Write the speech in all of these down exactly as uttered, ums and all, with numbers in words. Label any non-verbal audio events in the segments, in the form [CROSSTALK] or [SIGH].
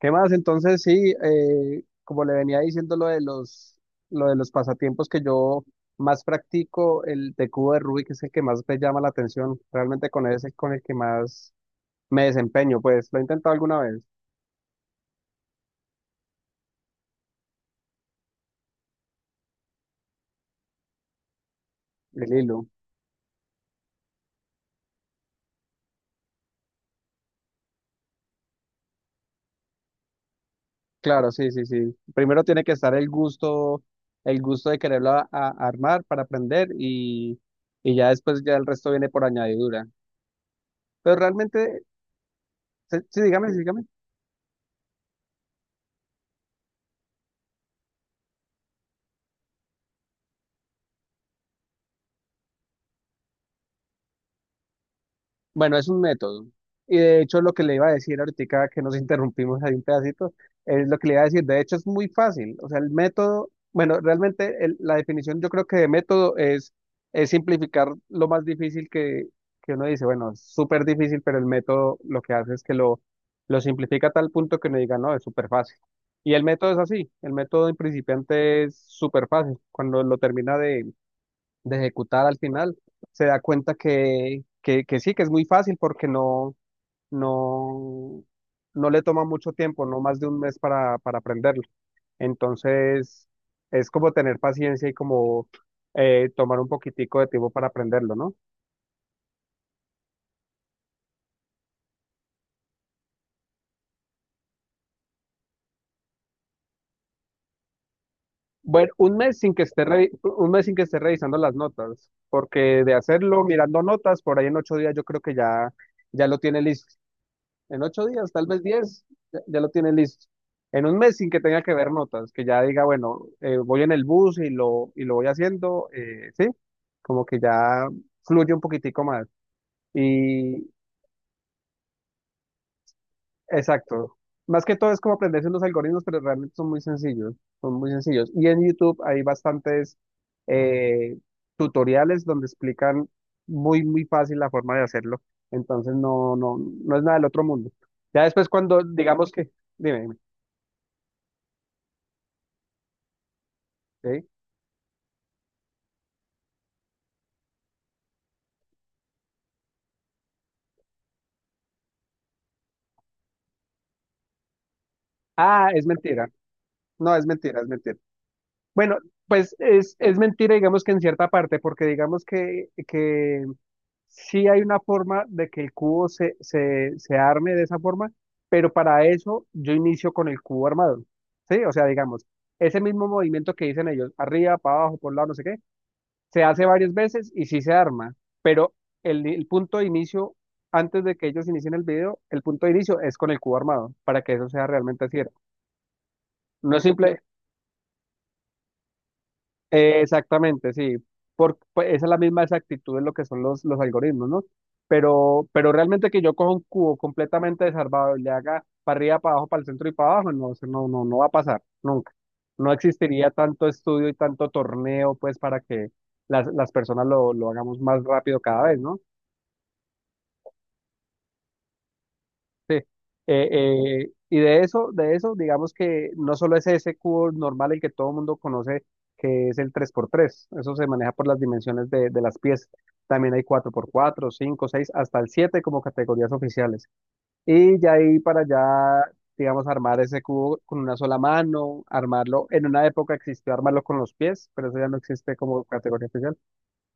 ¿Qué más? Entonces, sí, eh, como le venía diciendo lo de los, lo de los pasatiempos que yo más practico, el de cubo de Rubik es el que más me llama la atención. Realmente con ese es con el que más me desempeño, pues lo he intentado alguna vez, el hilo. Claro, sí, sí, sí. Primero tiene que estar el gusto, el gusto de quererlo a- a- armar para aprender y, y ya después ya el resto viene por añadidura. Pero realmente, sí, sí, dígame, sí, dígame. Bueno, es un método. Y de hecho lo que le iba a decir ahorita que nos [LAUGHS] interrumpimos ahí un pedacito, es lo que le iba a decir. De hecho es muy fácil. O sea, el método, bueno, realmente el- la definición yo creo que de método es, es simplificar lo más difícil que, que uno dice, bueno, es súper difícil, pero el método lo que hace es que lo, lo simplifica a tal punto que uno diga, no, es súper fácil. Y el método es así. El método en principiante es súper fácil. Cuando lo termina de ejecutar al final, se da cuenta que, que, que sí, que es muy fácil porque no, no, no le toma mucho tiempo, no más de un mes para, para aprenderlo. Entonces, es como tener paciencia y como eh, tomar un poquitico de tiempo para aprenderlo, ¿no? Bueno, un mes sin que esté revi- un mes sin que esté revisando las notas, porque de hacerlo mirando notas, por ahí en ocho días yo creo que ya, ya lo tiene listo. En ocho días, tal vez diez, ya, ya lo tiene listo. En un mes sin que tenga que ver notas, que ya diga, bueno, eh, voy en el bus y lo, y lo voy haciendo, eh, sí, como que ya fluye un poquitico más. Y exacto. Más que todo es como aprenderse unos algoritmos, pero realmente son muy sencillos, son muy sencillos. Y en YouTube hay bastantes eh, tutoriales donde explican muy, muy fácil la forma de hacerlo. Entonces no, no, no es nada del otro mundo. Ya después cuando digamos que, dime, dime, ¿sí? Ah, es mentira. No, es mentira, es mentira. Bueno, pues es, es mentira, digamos que en cierta parte, porque digamos que, que sí hay una forma de que el cubo se, se, se arme de esa forma, pero para eso yo inicio con el cubo armado. ¿Sí? O sea, digamos, ese mismo movimiento que dicen ellos, arriba, para abajo, por un lado, no sé qué, se hace varias veces y sí se arma, pero el, el punto de inicio, antes de que ellos inicien el video, el punto de inicio es con el cubo armado, para que eso sea realmente así. No es simple. Eh, exactamente, sí. Por, pues, esa es la misma exactitud de lo que son los, los algoritmos, ¿no? Pero, pero realmente que yo coja un cubo completamente desarmado y le haga para arriba, para abajo, para el centro y para abajo, no, eso no, no, no va a pasar, nunca. No existiría tanto estudio y tanto torneo, pues, para que las, las personas lo, lo hagamos más rápido cada vez, ¿no? Sí. Eh, eh, y de eso, de eso, digamos que no solo es ese cubo normal el que todo el mundo conoce, que es el tres por tres. Eso se maneja por las dimensiones de, de las piezas. También hay cuatro por cuatro, cinco, seis, hasta el siete como categorías oficiales. Y ya ahí para allá, digamos, armar ese cubo con una sola mano, armarlo. En una época existió armarlo con los pies, pero eso ya no existe como categoría oficial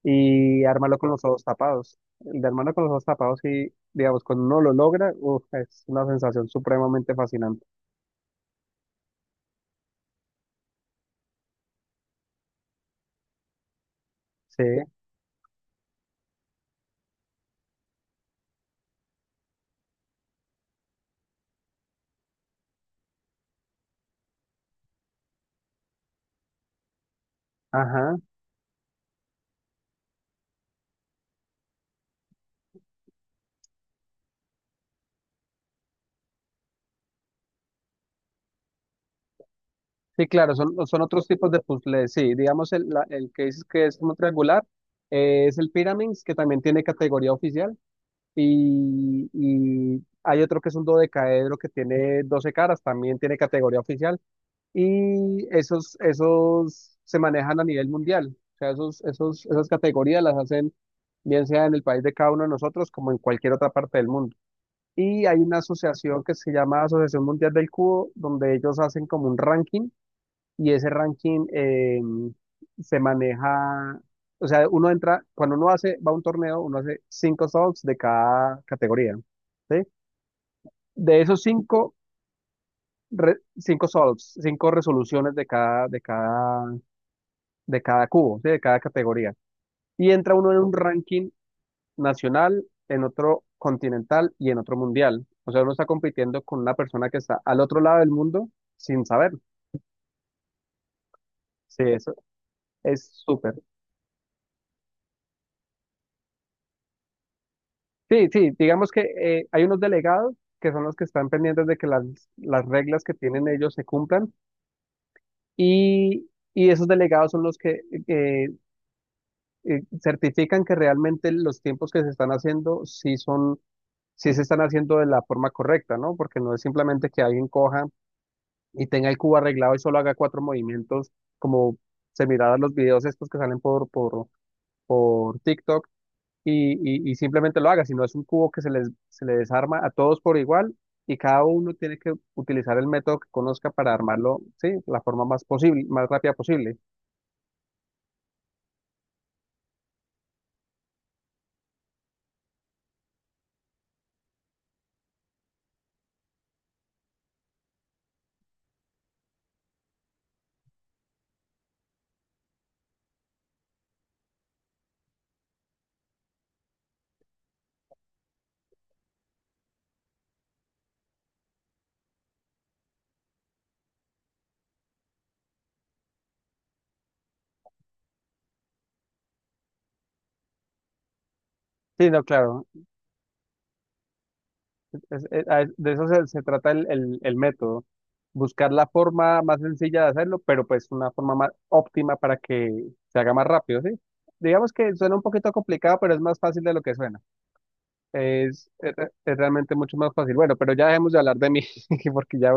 y armarlo con los ojos tapados. El de armarlo con los ojos tapados y, digamos, cuando uno lo logra, uf, es una sensación supremamente fascinante. Sí, ajá. Sí, claro, son, son otros tipos de puzzles. Sí, digamos, el, la- el que dices que es como triangular, eh, es el Pyramids, que también tiene categoría oficial, y, y hay otro que es un dodecaedro que tiene doce caras, también tiene categoría oficial. Y esos, esos se manejan a nivel mundial. O sea, esos, esos, esas categorías las hacen bien sea en el país de cada uno de nosotros como en cualquier otra parte del mundo. Y hay una asociación que se llama Asociación Mundial del Cubo, donde ellos hacen como un ranking y ese ranking eh, se maneja. O sea, uno entra, cuando uno hace, va a un torneo, uno hace cinco solves de cada categoría, ¿sí? De esos cinco, re- cinco solves, cinco resoluciones de cada, de cada de cada cubo, ¿sí? De cada categoría. Y entra uno en un ranking nacional, en otro continental y en otro mundial. O sea, uno está compitiendo con una persona que está al otro lado del mundo sin saber. Sí, eso es súper. Sí, sí, digamos que eh, hay unos delegados que son los que están pendientes de que las, las reglas que tienen ellos se cumplan, y, y esos delegados son los que eh, eh, certifican que realmente los tiempos que se están haciendo sí son sí se están haciendo de la forma correcta, ¿no? Porque no es simplemente que alguien coja y tenga el cubo arreglado y solo haga cuatro movimientos, como se miraba los videos estos que salen por, por, por TikTok y, y- y simplemente lo haga, sino es un cubo que se les, se le desarma a todos por igual y cada uno tiene que utilizar el método que conozca para armarlo, sí, la forma más posible, más rápida posible. Sí, no, claro. Es- eh, a es- de eso se, se trata el, el- el método, buscar la forma más sencilla de hacerlo, pero pues una forma más óptima para que se haga más rápido, ¿sí? Digamos que suena un poquito complicado, pero es más fácil de lo que suena. Es, es re- es realmente mucho más fácil. Bueno, pero ya dejemos de hablar de mí, [LAUGHS] porque ya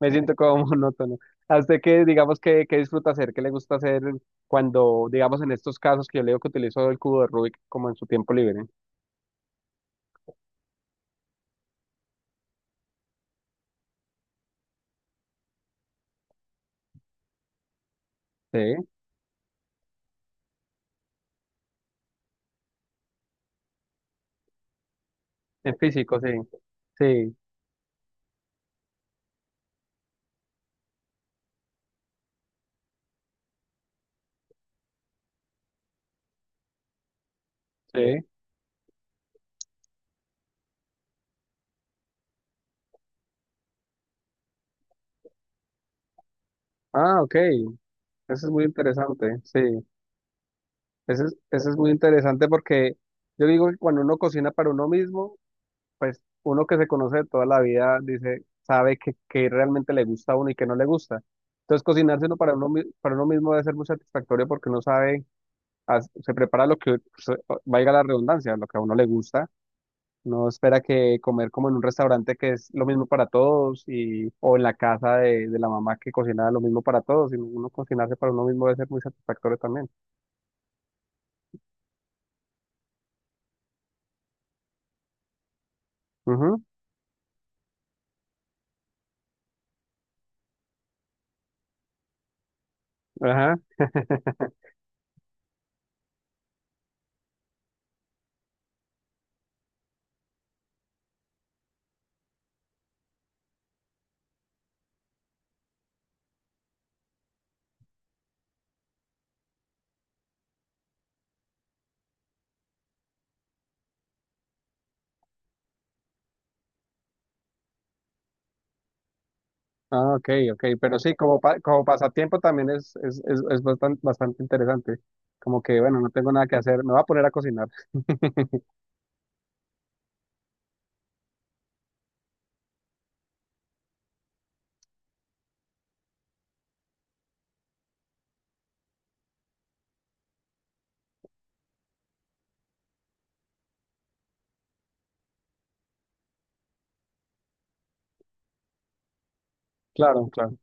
me siento como monótono. ¿A usted qué, digamos, que disfruta hacer? ¿Qué le gusta hacer cuando, digamos, en estos casos que yo le digo que utilizo el cubo de Rubik como en su tiempo libre? Sí, en físico, sí, sí, sí. Ah, ok. Eso es muy interesante, sí. Eso es, eso es muy interesante porque yo digo que cuando uno cocina para uno mismo, pues uno que se conoce de toda la vida dice, sabe que, que realmente le gusta a uno y que no le gusta. Entonces cocinarse uno para uno, mi- para uno mismo debe ser muy satisfactorio porque uno sabe, as- se prepara lo que, pues, eh, valga la redundancia, lo que a uno le gusta. No espera que comer como en un restaurante que es lo mismo para todos y, o en la casa de, de la mamá que cocina lo mismo para todos, sino uno cocinarse para uno mismo debe ser muy satisfactorio también. Ujú. Ajá. [LAUGHS] Ah, ok, ok. Pero sí, como, pa- como pasatiempo también es, es, es, es bastan- bastante interesante. Como que, bueno, no tengo nada que hacer, me voy a poner a cocinar. [LAUGHS] Claro, claro.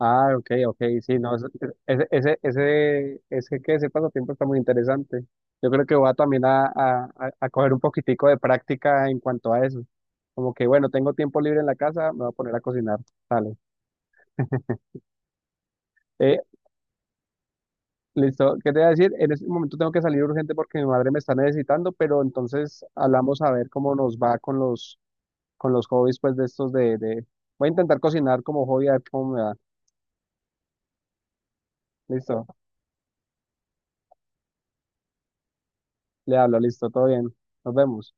Ah, ok, ok, sí, no, es- ese, ese, ese, ese, que ese pasatiempo está muy interesante. Yo creo que voy a también a, a, a a coger un poquitico de práctica en cuanto a eso. Como que, bueno, tengo tiempo libre en la casa, me voy a poner a cocinar. Dale. Listo, ¿qué te voy a decir? En este momento tengo que salir urgente porque mi madre me está necesitando, pero entonces hablamos a ver cómo nos va con los, con los hobbies, pues de estos de, de... Voy a intentar cocinar como hobby, a ver cómo me va. Listo, le hablo, listo, todo bien. Nos vemos.